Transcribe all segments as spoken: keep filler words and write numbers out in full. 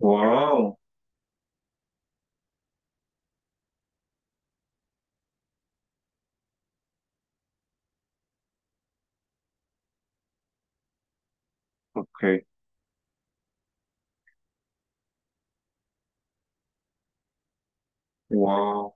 Wow, ok, wow.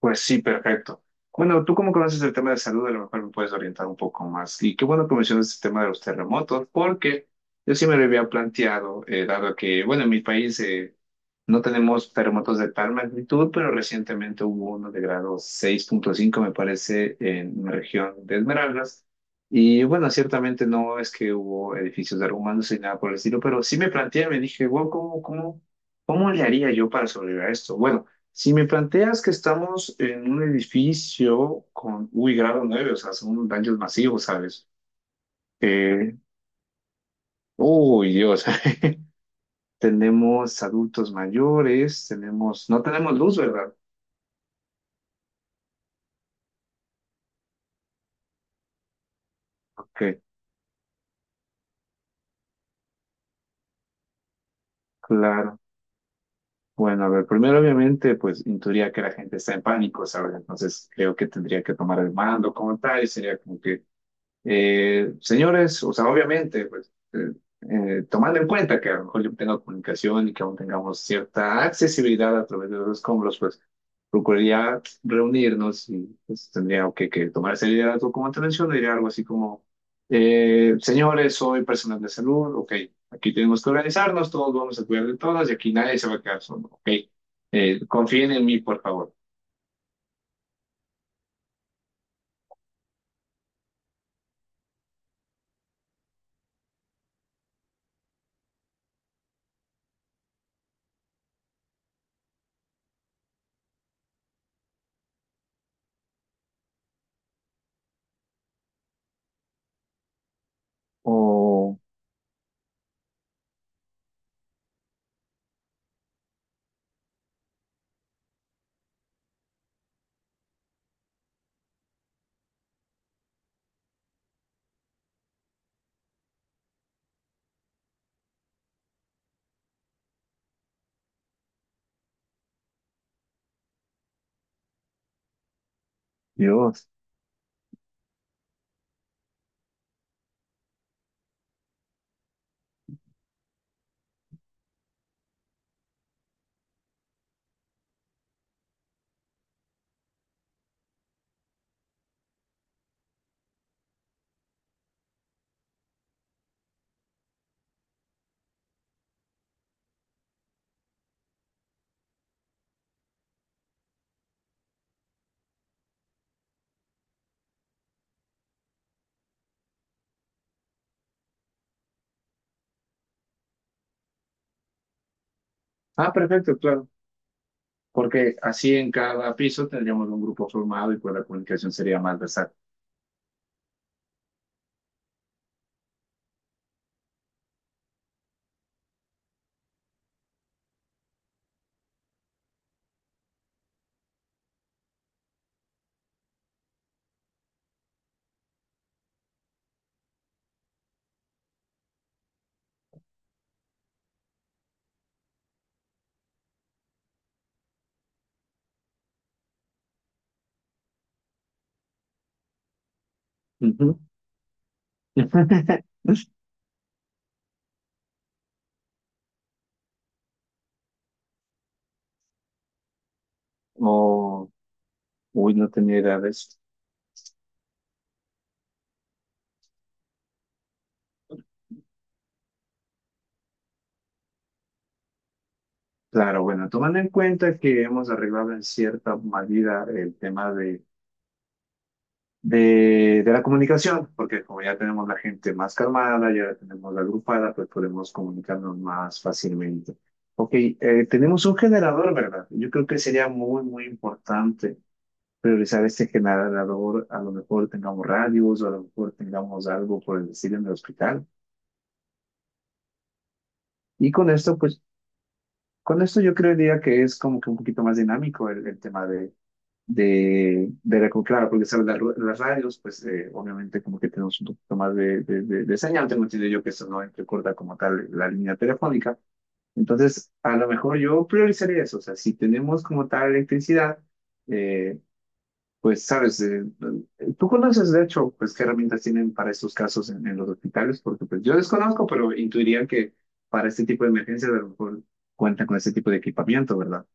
Pues sí, perfecto. Bueno, tú como conoces el tema de salud, a lo mejor me puedes orientar un poco más. Y qué bueno que mencionas el tema de los terremotos, porque yo sí me lo había planteado, eh, dado que, bueno, en mi país, eh, no tenemos terremotos de tal magnitud, pero recientemente hubo uno de grado seis punto cinco, me parece, en una región de Esmeraldas. Y bueno, ciertamente no es que hubo edificios derrumbándose ni nada por el estilo, pero sí me planteé, me dije, wow, ¿cómo, cómo, cómo le haría yo para sobrevivir a esto? Bueno, si me planteas que estamos en un edificio con, uy, grado nueve, o sea, son daños masivos, ¿sabes? Eh, uy, Dios. Tenemos adultos mayores, tenemos, no tenemos luz, ¿verdad? Ok, claro. Bueno, a ver, primero obviamente, pues intuiría que la gente está en pánico, ¿sabes? Entonces creo que tendría que tomar el mando como tal y sería como que, eh, señores, o sea, obviamente, pues eh, eh, tomando en cuenta que a lo mejor yo tengo comunicación y que aún tengamos cierta accesibilidad a través de los escombros, pues procuraría reunirnos y pues, tendría que, que tomar ese liderazgo como te menciono, diría algo así como, eh, señores, soy personal de salud, ok, aquí tenemos que organizarnos, todos vamos a cuidar de todas y aquí nadie se va a quedar solo, ok, eh, confíen en mí, por favor. Oh, Dios. Ah, perfecto, claro, porque así en cada piso tendríamos un grupo formado y pues la comunicación sería más versátil. Ujú. O, uy, no tenía idea de eso. Claro, bueno, tomando en cuenta que hemos arreglado en cierta medida el tema de, de, de la comunicación, porque como ya tenemos la gente más calmada, ya la tenemos la agrupada, pues podemos comunicarnos más fácilmente. Ok, eh, tenemos un generador, ¿verdad? Yo creo que sería muy, muy importante priorizar este generador. A lo mejor tengamos radios o a lo mejor tengamos algo por el estilo en el hospital. Y con esto, pues, con esto yo creería que es como que un poquito más dinámico el el tema de de, de la- claro, porque sabes, la- ru- las radios, pues eh, obviamente como que tenemos un poquito más de, de, de, de señal, tengo entendido yo que eso no entrecorta como tal la línea telefónica, entonces a lo mejor yo priorizaría eso, o sea, si tenemos como tal electricidad, eh, pues sabes, eh, eh, tú conoces de hecho, pues qué herramientas tienen para estos casos en, en los hospitales, porque pues yo desconozco, pero intuiría que para este tipo de emergencias a lo mejor cuentan con este tipo de equipamiento, ¿verdad?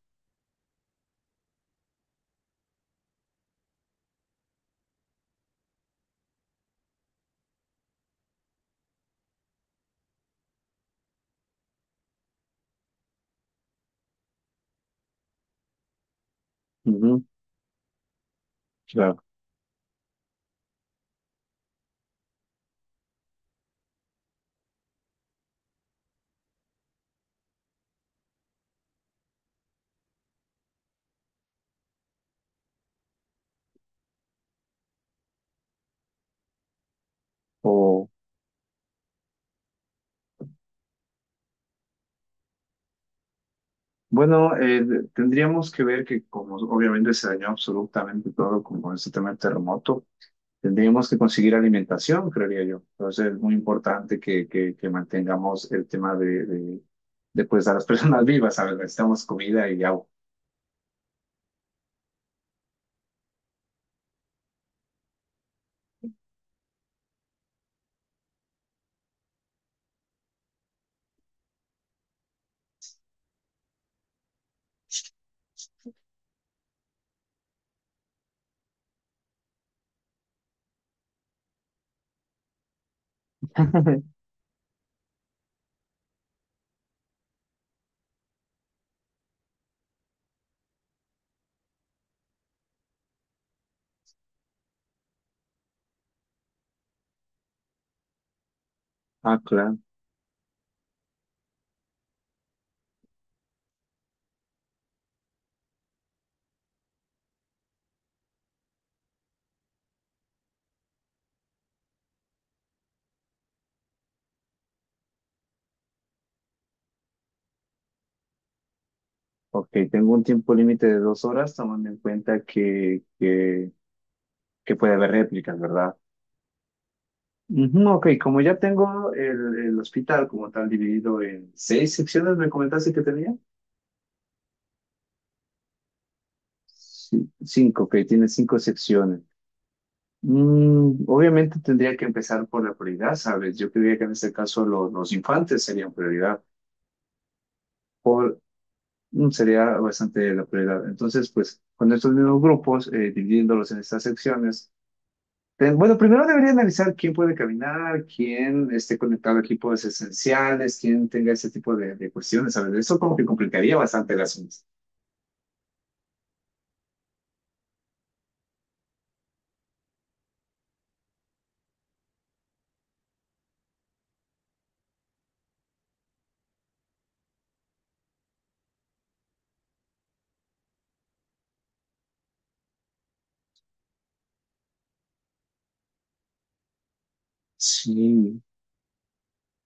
Ujú, claro. O, bueno, eh, tendríamos que ver que como obviamente se dañó absolutamente todo con, con este tema del terremoto, tendríamos que conseguir alimentación, creería yo. Entonces es muy importante que, que, que mantengamos el tema de, de, de, pues a las personas vivas, ¿sabes? Necesitamos comida y agua. Ah, claro. Ok, tengo un tiempo límite de dos horas, tomando en cuenta que, que, que puede haber réplicas, ¿verdad? Ujú, ok, como ya tengo el, el hospital como tal dividido en seis secciones, ¿me comentaste que tenía? Sí, cinco, que tiene cinco secciones. Mm, obviamente tendría que empezar por la prioridad, ¿sabes? Yo creería que en este caso lo- los infantes serían prioridad, por, mm, sería bastante la prioridad. Entonces, pues, con estos mismos grupos, eh, dividiéndolos en estas secciones, ten- bueno, primero debería analizar quién puede caminar, quién esté conectado a equipos esenciales, quién tenga ese tipo de, de cuestiones, ¿sabes? Eso como que complicaría bastante el asunto. Sí.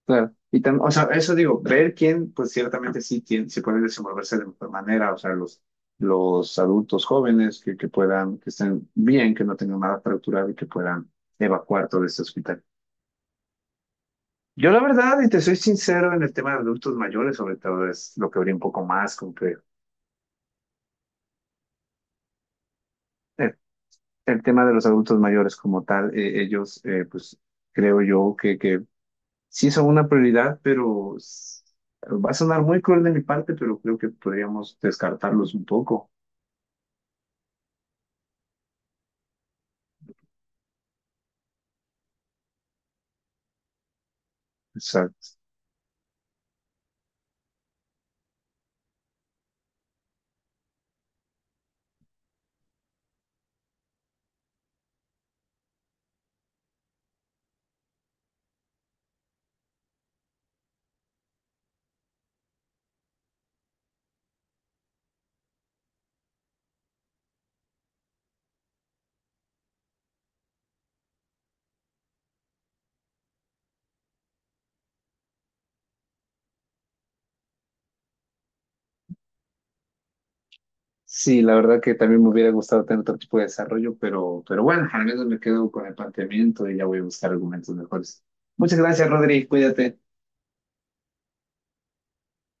Claro. Y tam- o sea, eso digo, ver quién, pues ciertamente sí, tiene, sí pueden desenvolverse de mejor manera, o sea, los, los adultos jóvenes que, que puedan, que estén bien, que no tengan nada fracturado y que puedan evacuar todo este hospital. Yo la verdad, y te soy sincero, en el tema de adultos mayores, sobre todo es lo que habría un poco más, como que el, el tema de los adultos mayores como tal, eh, ellos, eh, pues creo yo que, que sí son una prioridad, pero s- va a sonar muy cruel de mi parte, pero creo que podríamos descartarlos un poco. O sí, la verdad que también me hubiera gustado tener otro tipo de desarrollo, pero, pero bueno, al menos me quedo con el planteamiento y ya voy a buscar argumentos mejores. Muchas gracias, Rodri, cuídate.